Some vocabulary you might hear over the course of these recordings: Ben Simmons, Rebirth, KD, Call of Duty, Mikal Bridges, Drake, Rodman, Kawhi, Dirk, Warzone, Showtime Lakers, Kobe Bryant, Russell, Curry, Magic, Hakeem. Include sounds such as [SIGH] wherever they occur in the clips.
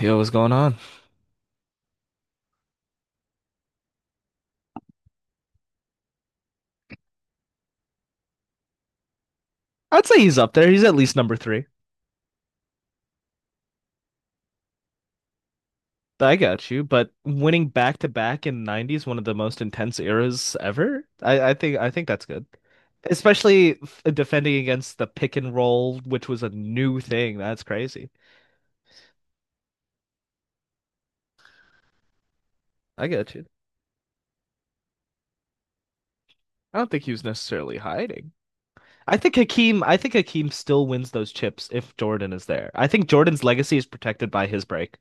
Yo, what's going on? I'd say he's up there. He's at least number three. I got you. But winning back to back in '90s, one of the most intense eras ever. I think that's good. Especially defending against the pick and roll, which was a new thing. That's crazy. I got you. I don't think he was necessarily hiding. I think Hakeem still wins those chips if Jordan is there. I think Jordan's legacy is protected by his break.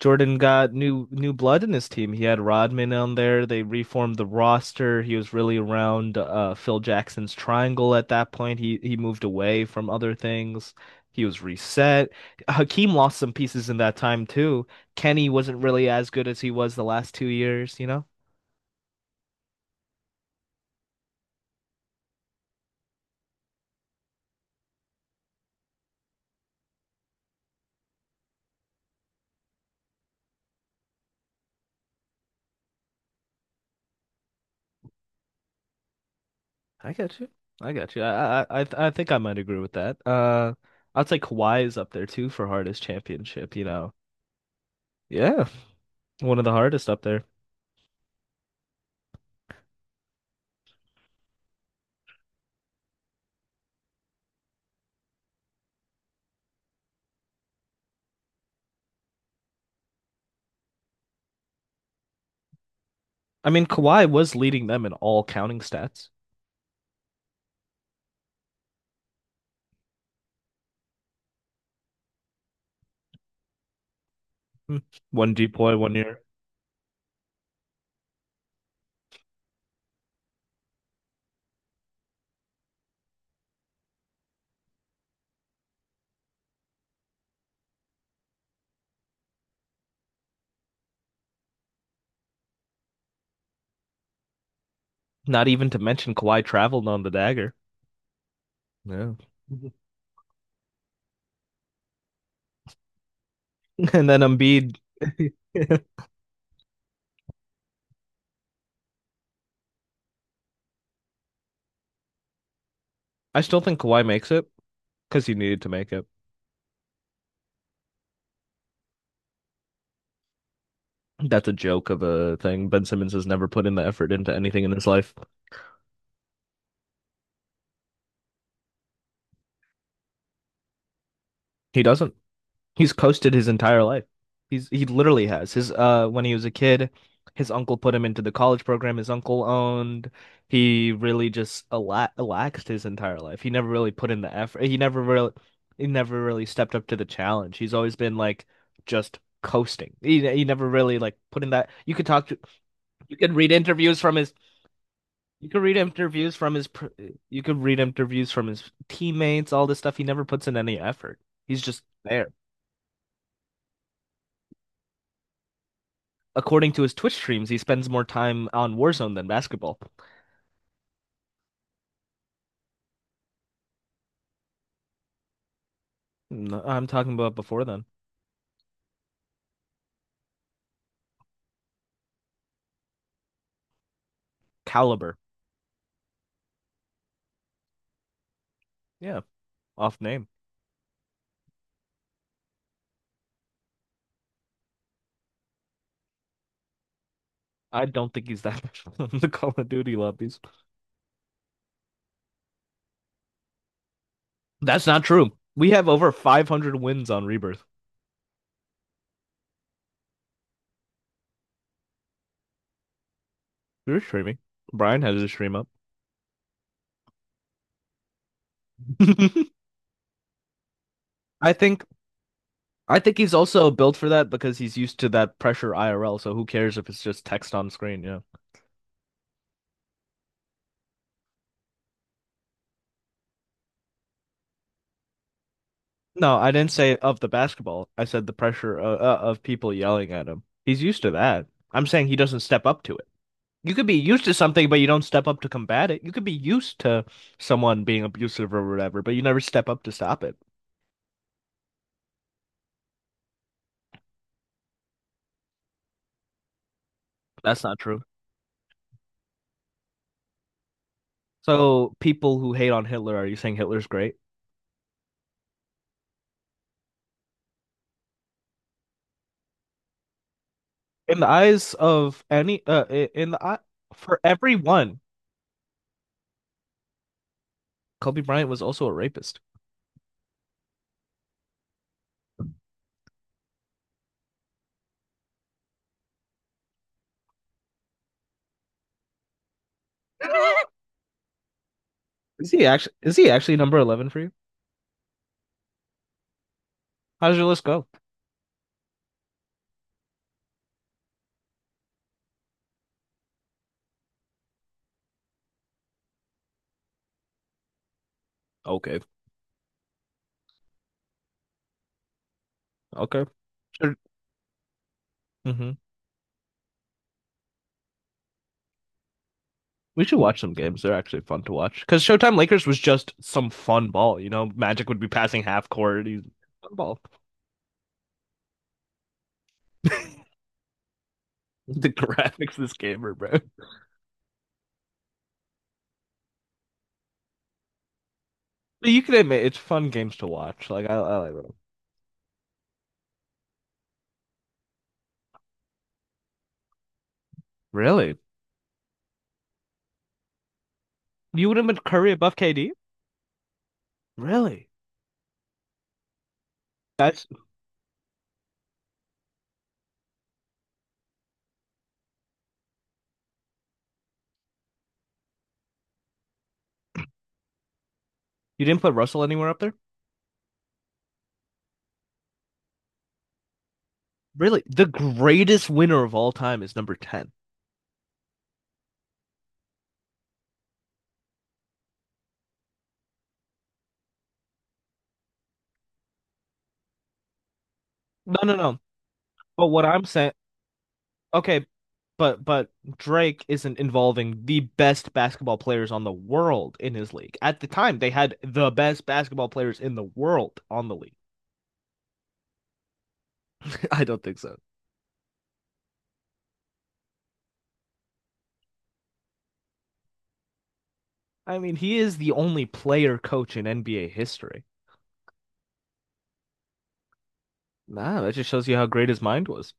Jordan got new blood in his team. He had Rodman on there. They reformed the roster. He was really around Phil Jackson's triangle at that point. He moved away from other things. He was reset. Hakeem lost some pieces in that time too. Kenny wasn't really as good as he was the last 2 years, you know? I got you. I got you. I think I might agree with that. I'd say Kawhi is up there too for hardest championship, you know. Yeah, one of the hardest up there. I mean, Kawhi was leading them in all counting stats. Hmm. One deploy, 1 year. Not even to mention Kawhi traveled on the dagger. Yeah. [LAUGHS] And then Embiid. [LAUGHS] I still think Kawhi makes it because he needed to make it. That's a joke of a thing. Ben Simmons has never put in the effort into anything in his life. He doesn't. He's coasted his entire life. He literally has his when he was a kid, his uncle put him into the college program his uncle owned. He really just ala relaxed his entire life. He never really put in the effort. He never really stepped up to the challenge. He's always been like just coasting. He never really like put in that. You could read interviews from his you could read interviews from his pr- you could read interviews from his teammates, all this stuff. He never puts in any effort. He's just there. According to his Twitch streams, he spends more time on Warzone than basketball. No, I'm talking about before then. Caliber. Yeah, off name. I don't think he's that [LAUGHS] much in the Call of Duty lobbies. That's not true. We have over 500 wins on Rebirth. You're streaming. Brian has his stream up. [LAUGHS] I think I think he's also built for that because he's used to that pressure IRL. So who cares if it's just text on screen? Yeah. No, I didn't say of the basketball. I said the pressure of people yelling at him. He's used to that. I'm saying he doesn't step up to it. You could be used to something, but you don't step up to combat it. You could be used to Someone being abusive or whatever, but you never step up to stop it. That's not true. So people who hate on Hitler, are you saying Hitler's great? In the eyes of any, in the eye For everyone, Kobe Bryant was also a rapist. [LAUGHS] Is he actually? Is he actually number 11 for you? How does your list go? Okay, okay. Sure. Hmm. We should watch some games. They're actually fun to watch. Because Showtime Lakers was just some fun ball. You know, Magic would be passing half court. He's Fun ball. [LAUGHS] The graphics of this game are bro. But you can admit it's fun games to watch. Like I like them. Really? You would have put Curry above KD? Really? That's You didn't put Russell anywhere up there? Really? The greatest winner of all time is number 10. No, no, no. But what I'm saying, okay, but Drake isn't involving the best basketball players on the world in his league. At the time, they had the best basketball players in the world on the league. [LAUGHS] I don't think so. I mean, he is the only player coach in NBA history. Nah, that just shows you how great his mind was.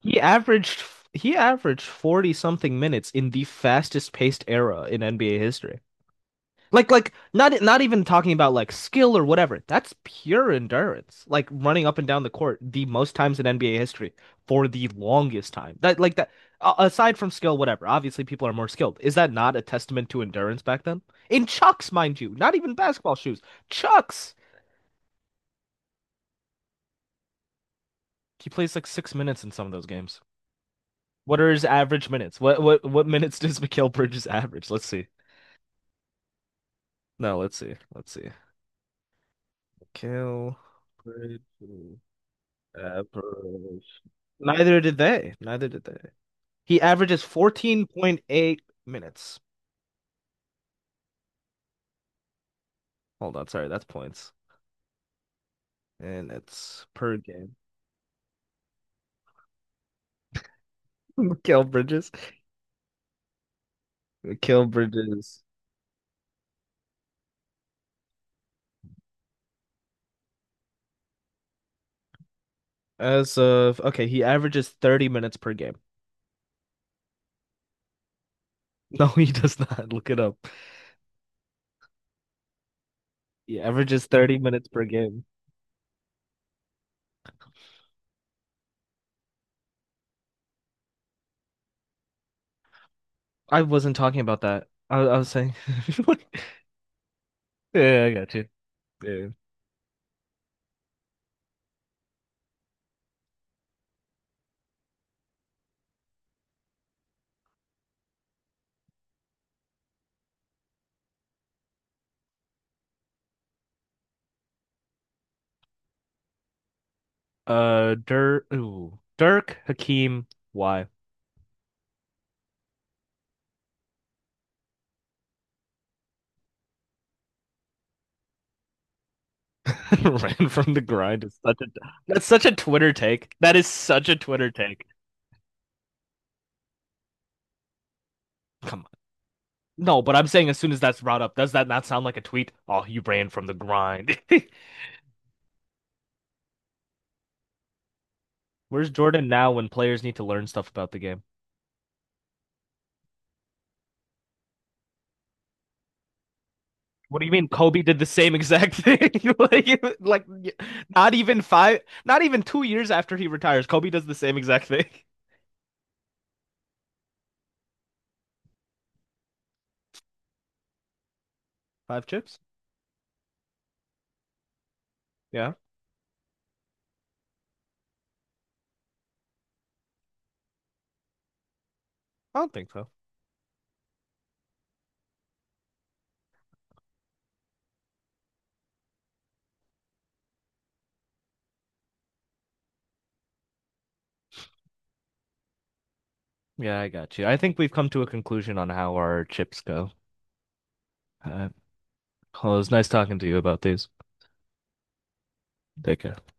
He averaged he averaged 40 something minutes in the fastest paced era in NBA history. Like not even talking about like skill or whatever. That's pure endurance. Like running up and down the court the most times in NBA history for the longest time. That like that a- Aside from skill whatever. Obviously people are more skilled. Is that not a testament to endurance back then? In Chucks, mind you. Not even basketball shoes. Chucks. He plays like 6 minutes in some of those games. What are his average minutes? What minutes does Mikal Bridges average? Let's see. No, let's see. Let's see. Mikal Bridges average. Neither did they. Neither did they. He averages 14.8 minutes. Hold on, sorry, that's points. And it's per game. [LAUGHS] Mikal Bridges. Mikal Bridges. As of okay, he averages 30 minutes per game. [LAUGHS] No, he does not. [LAUGHS] Look it up. He averages 30 minutes per game. I wasn't talking about that. I was saying [LAUGHS] what. Yeah, I got you. Yeah. Dirk, ooh, Dirk Hakeem. Why [LAUGHS] ran from the grind is such a that's such a Twitter take. That is such a Twitter take. Come on. No, but I'm saying as soon as that's brought up, does that not sound like a tweet? Oh, you ran from the grind. [LAUGHS] Where's Jordan now when players need to learn stuff about the game? What do you mean Kobe did the same exact thing? [LAUGHS] Like, like not even five, Not even 2 years after he retires, Kobe does the same exact thing. [LAUGHS] Five chips? Yeah, I don't think so. Yeah, I got you. I think we've come to a conclusion on how our chips go. Uh, well, it was nice talking to you about these. Take care.